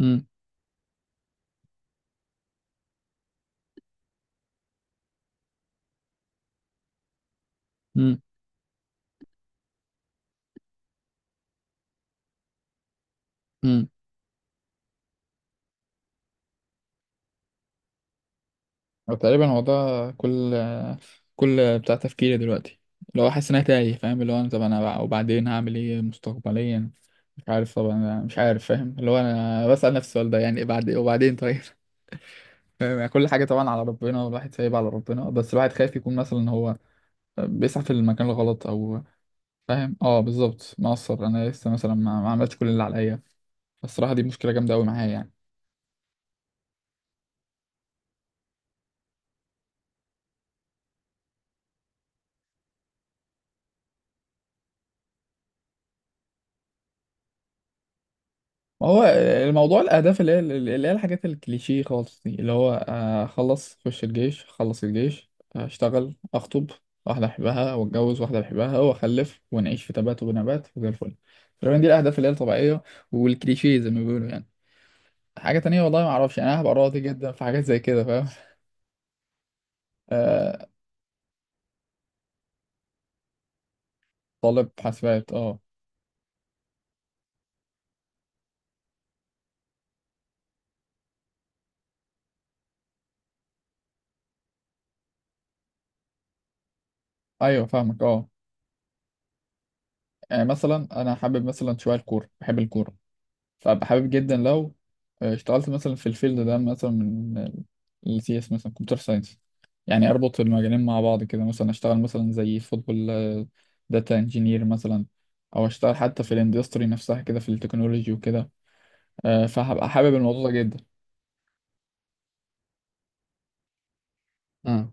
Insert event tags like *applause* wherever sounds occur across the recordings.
امم امم امم تقريبا هو ده، كل كل بتاع تفكيري دلوقتي، اللي هو حاسس ان انا تايه فاهم، اللي هو انا طب انا وبعدين هعمل ايه مستقبليا؟ مش عارف، طبعا انا مش عارف فاهم، اللي هو انا بسأل نفسي السؤال ده يعني بعد وبعدين طيب *laughs* فاهم؟ يعني كل حاجه طبعا على ربنا، والواحد سايب على ربنا، بس الواحد خايف يكون مثلا هو بيسعى في المكان الغلط او فاهم. اه بالظبط، مقصر، انا لسه مثلا ما عملتش كل اللي عليا. فالصراحه دي مشكله جامده قوي معايا يعني. ما هو الموضوع الأهداف اللي هي الحاجات الكليشيه خالص دي، اللي هو أخلص أخش الجيش، أخلص الجيش، أشتغل، أخطب واحدة أحبها وأتجوز واحدة بحبها وأخلف، ونعيش في تبات ونبات وزي الفل. تقريبا دي الأهداف اللي هي الطبيعية والكليشيه زي ما بيقولوا يعني. حاجة تانية والله ما أعرفش، يعني أنا هبقى راضي جدا في حاجات زي كده فاهم. آه، طالب حاسبات، أه. أيوه فاهمك، أه. يعني مثلا أنا حابب مثلا شوية الكورة، بحب الكورة، فأبقى حابب جدا لو اشتغلت مثلا في الفيلد ده، مثلا من السي اس، مثلا كمبيوتر ساينس، يعني اربط المجالين مع بعض كده، مثلا اشتغل مثلا زي فوتبول داتا انجينير مثلا، او اشتغل حتى في الاندستري نفسها كده في التكنولوجي وكده. فهبقى حابب الموضوع ده جدا. امم.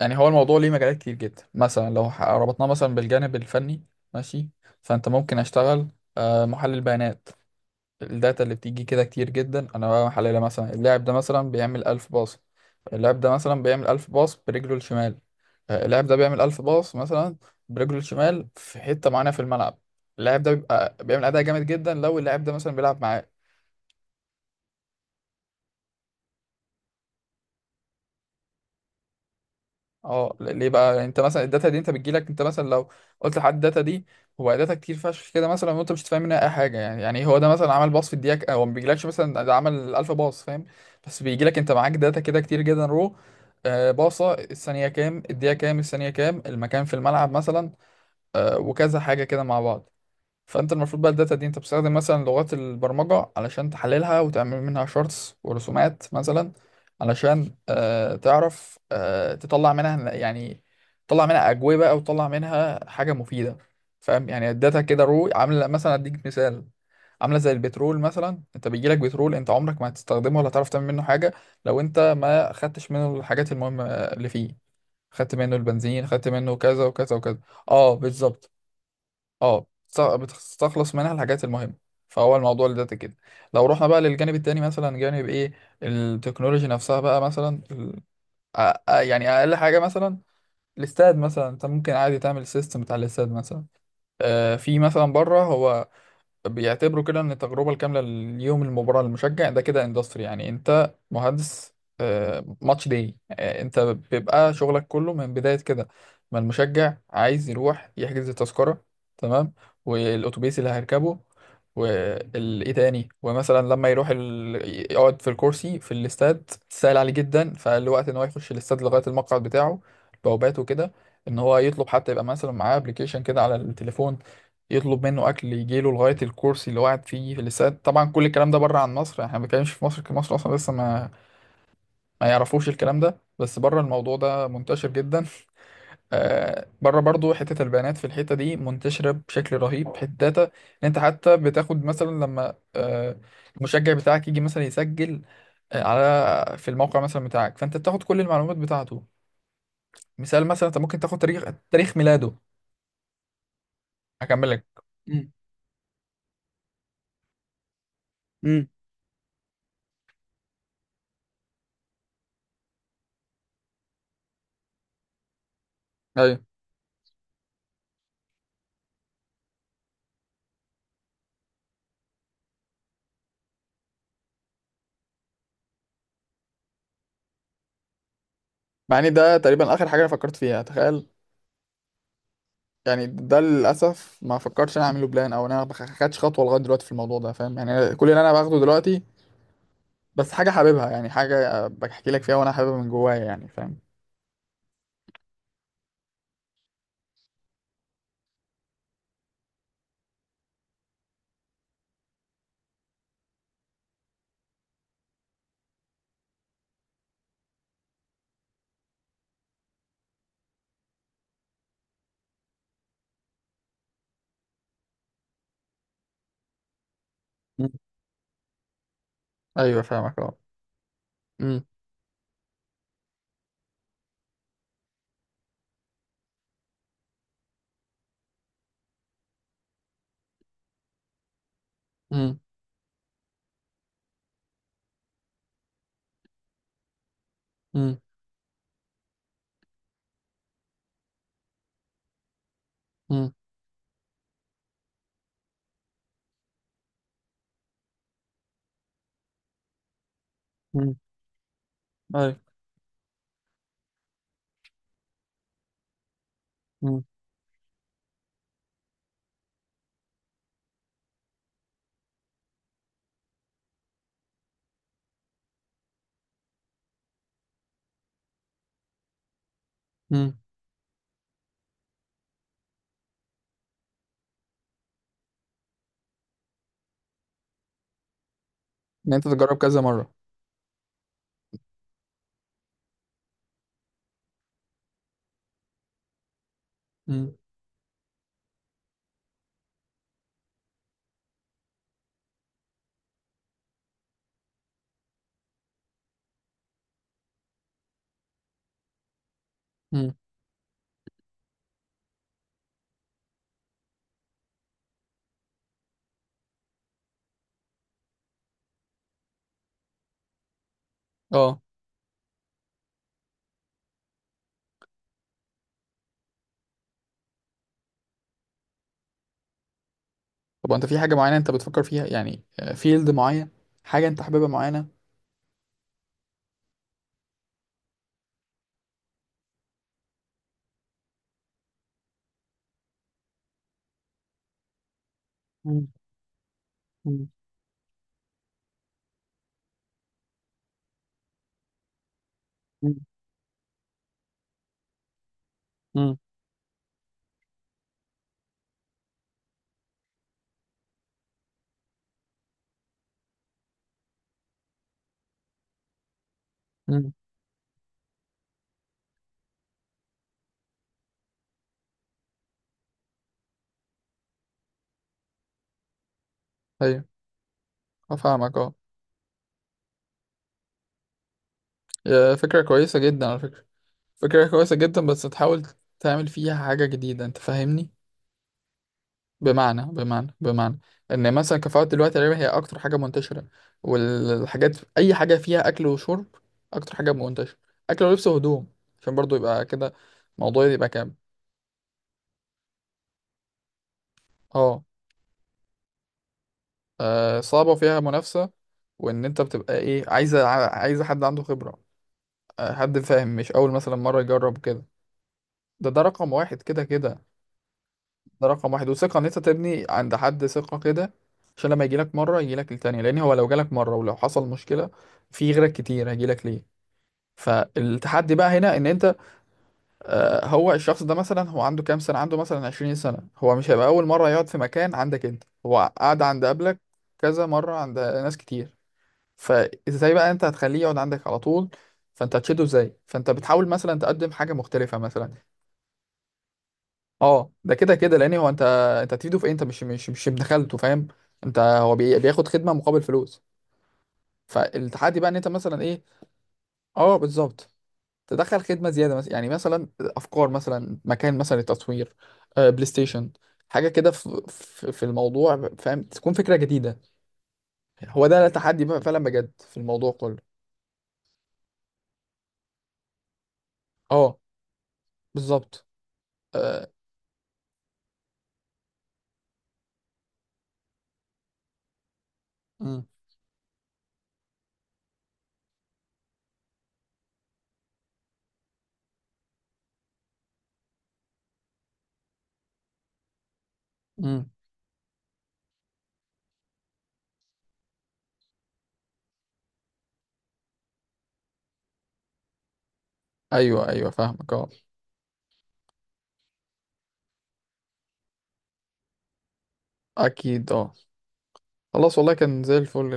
يعني هو الموضوع ليه مجالات كتير جدا، مثلا لو ربطناه مثلا بالجانب الفني، ماشي، فانت ممكن اشتغل محلل بيانات. الداتا اللي بتيجي كده كتير جدا انا بقى محللها، مثلا اللاعب ده مثلا بيعمل 1000 باص، اللاعب ده مثلا بيعمل 1000 باص برجله الشمال، اللاعب ده بيعمل 1000 باص مثلا برجله الشمال في حتة معينة في الملعب. اللاعب ده بيبقى بيعمل أداء جامد جدا لو اللاعب ده مثلا بيلعب معاه. اه، ليه بقى؟ يعني انت مثلا الداتا دي انت بتجيلك، انت مثلا لو قلت لحد الداتا دي، هو داتا كتير فشخ كده مثلا، وانت مش فاهم منها اي حاجه. يعني هو ده مثلا عمل باص في الدقيقه، هو ما بيجيلكش مثلا ده عمل 1000 باص فاهم، بس بيجيلك انت معاك داتا كده كتير جدا رو، آه باصه الثانيه كام، الدقيقه كام، الثانيه كام، المكان في الملعب مثلا، آه، وكذا حاجه كده مع بعض. فانت المفروض بقى الداتا دي انت بتستخدم مثلا لغات البرمجة علشان تحللها وتعمل منها شارتس ورسومات مثلا، علشان تعرف، تطلع منها يعني، تطلع منها أجوبة او تطلع منها حاجة مفيدة. فاهم؟ يعني الداتا كده رو عاملة مثلا، اديك مثال، عاملة زي البترول مثلا، انت بيجيلك بترول انت عمرك ما هتستخدمه ولا تعرف تعمل منه حاجة لو انت ما خدتش منه الحاجات المهمة اللي فيه، خدت منه البنزين، خدت منه كذا وكذا وكذا. اه بالظبط. اه، بتستخلص منها الحاجات المهمة. فهو الموضوع اللي ده كده. لو رحنا بقى للجانب التاني، مثلا جانب ايه، التكنولوجي نفسها بقى، مثلا أ- يعني اقل حاجة مثلا الاستاد، مثلا انت ممكن عادي تعمل سيستم بتاع الاستاد مثلا. في مثلا بره هو بيعتبروا كده ان التجربه الكامله ليوم المباراه للمشجع ده كده اندستري، يعني انت مهندس ماتش داي. انت بيبقى شغلك كله من بدايه كده، ما المشجع عايز يروح يحجز التذكره، تمام، والاتوبيس اللي هيركبه، وايه تاني، ومثلا لما يروح ال... يقعد في الكرسي في الاستاد، سهل عليه جدا فالوقت ان هو يخش الاستاد لغايه المقعد بتاعه، بواباته كده، ان هو يطلب حتى يبقى مثلا معاه ابلكيشن كده على التليفون يطلب منه اكل يجي له لغايه الكرسي اللي قاعد فيه في الاستاد. طبعا كل الكلام ده بره عن مصر، يعني احنا ما بنتكلمش في مصر، مصر اصلا لسه ما يعرفوش الكلام ده، بس بره الموضوع ده منتشر جدا. بره برضو حته البيانات في الحته دي منتشره بشكل رهيب، حته داتا ان انت حتى بتاخد مثلا لما المشجع بتاعك يجي مثلا يسجل على في الموقع مثلا بتاعك، فانت بتاخد كل المعلومات بتاعته، مثال مثلا انت ممكن تاخد تاريخ، تاريخ ميلاده. هكمل لك. مم. مم. مع ان ده تقريبا اخر حاجه انا فكرت فيها، تخيل، يعني ده للاسف ما فكرتش انا اعمله بلان، او انا ما خدتش خطوه لغايه دلوقتي في الموضوع ده فاهم، يعني أنا كل اللي انا باخده دلوقتي بس حاجه حاببها، يعني حاجه بحكي لك فيها وانا حاببها من جوايا يعني فاهم. مم. ايوه فاهمك، اه. مم. مم. مم. مم. مم. ايوه. مم. مم. ان انت تجرب كذا مره. مم. مم. اه. طب انت في حاجه معينه انت بتفكر فيها يعني؟ فيلد معين؟ حاجه انت حاببها معينه؟ مم. مم. مم. مم. ايوه افهمك، اه. يا فكرة كويسة جدا على فكرة. فكرة كويسة جدا، بس تحاول تعمل فيها حاجة جديدة، انت فاهمني؟ بمعنى ان مثلا كفاءة دلوقتي تقريبا هي اكتر حاجة منتشرة، والحاجات اي حاجة فيها اكل وشرب اكتر حاجة منتشرة، اكل ولبس وهدوم، عشان برضو يبقى كده الموضوع يبقى كامل. اه. صعبة وفيها منافسة، وان انت بتبقى ايه، عايزة عايزة حد عنده خبرة، حد فاهم، مش اول مثلا مرة يجرب كده. ده رقم واحد كده كده. ده رقم واحد، وثقة، ان انت تبني عند حد ثقة كده، عشان لما يجيلك مرة يجيلك التانية، لان هو لو جالك مرة ولو حصل مشكلة في غيرك كتير هيجيلك ليه. فالتحدي بقى هنا ان انت هو الشخص ده مثلا، هو عنده كام سنة، عنده مثلا 20 سنة، هو مش هيبقى اول مرة يقعد في مكان عندك، انت هو قعد عند قبلك كذا مرة عند ناس كتير، فازاي بقى انت هتخليه يقعد عندك على طول؟ فانت هتشده ازاي؟ فانت بتحاول مثلا تقدم حاجة مختلفة مثلا. اه ده كده كده، لان هو انت، انت هتفيده في ايه؟ انت مش بدخلته فاهم، انت هو بياخد خدمه مقابل فلوس. فالتحدي بقى ان انت مثلا ايه، اه بالظبط، تدخل خدمه زياده مثلا، يعني مثلا افكار، مثلا مكان، مثلا التصوير، بلاي ستيشن، حاجه كده في الموضوع فاهم، تكون فكره جديده، هو ده التحدي بقى فعلا بجد في الموضوع كله. اه بالظبط. آه. امم. امم. ايوه ايوه فاهمك، اه. اكيد، اه. خلاص والله كان زي الفل.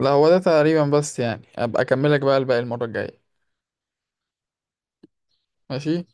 لا هو ده تقريبا، بس يعني ابقى اكملك بقى الباقي المرة الجاية. ماشي.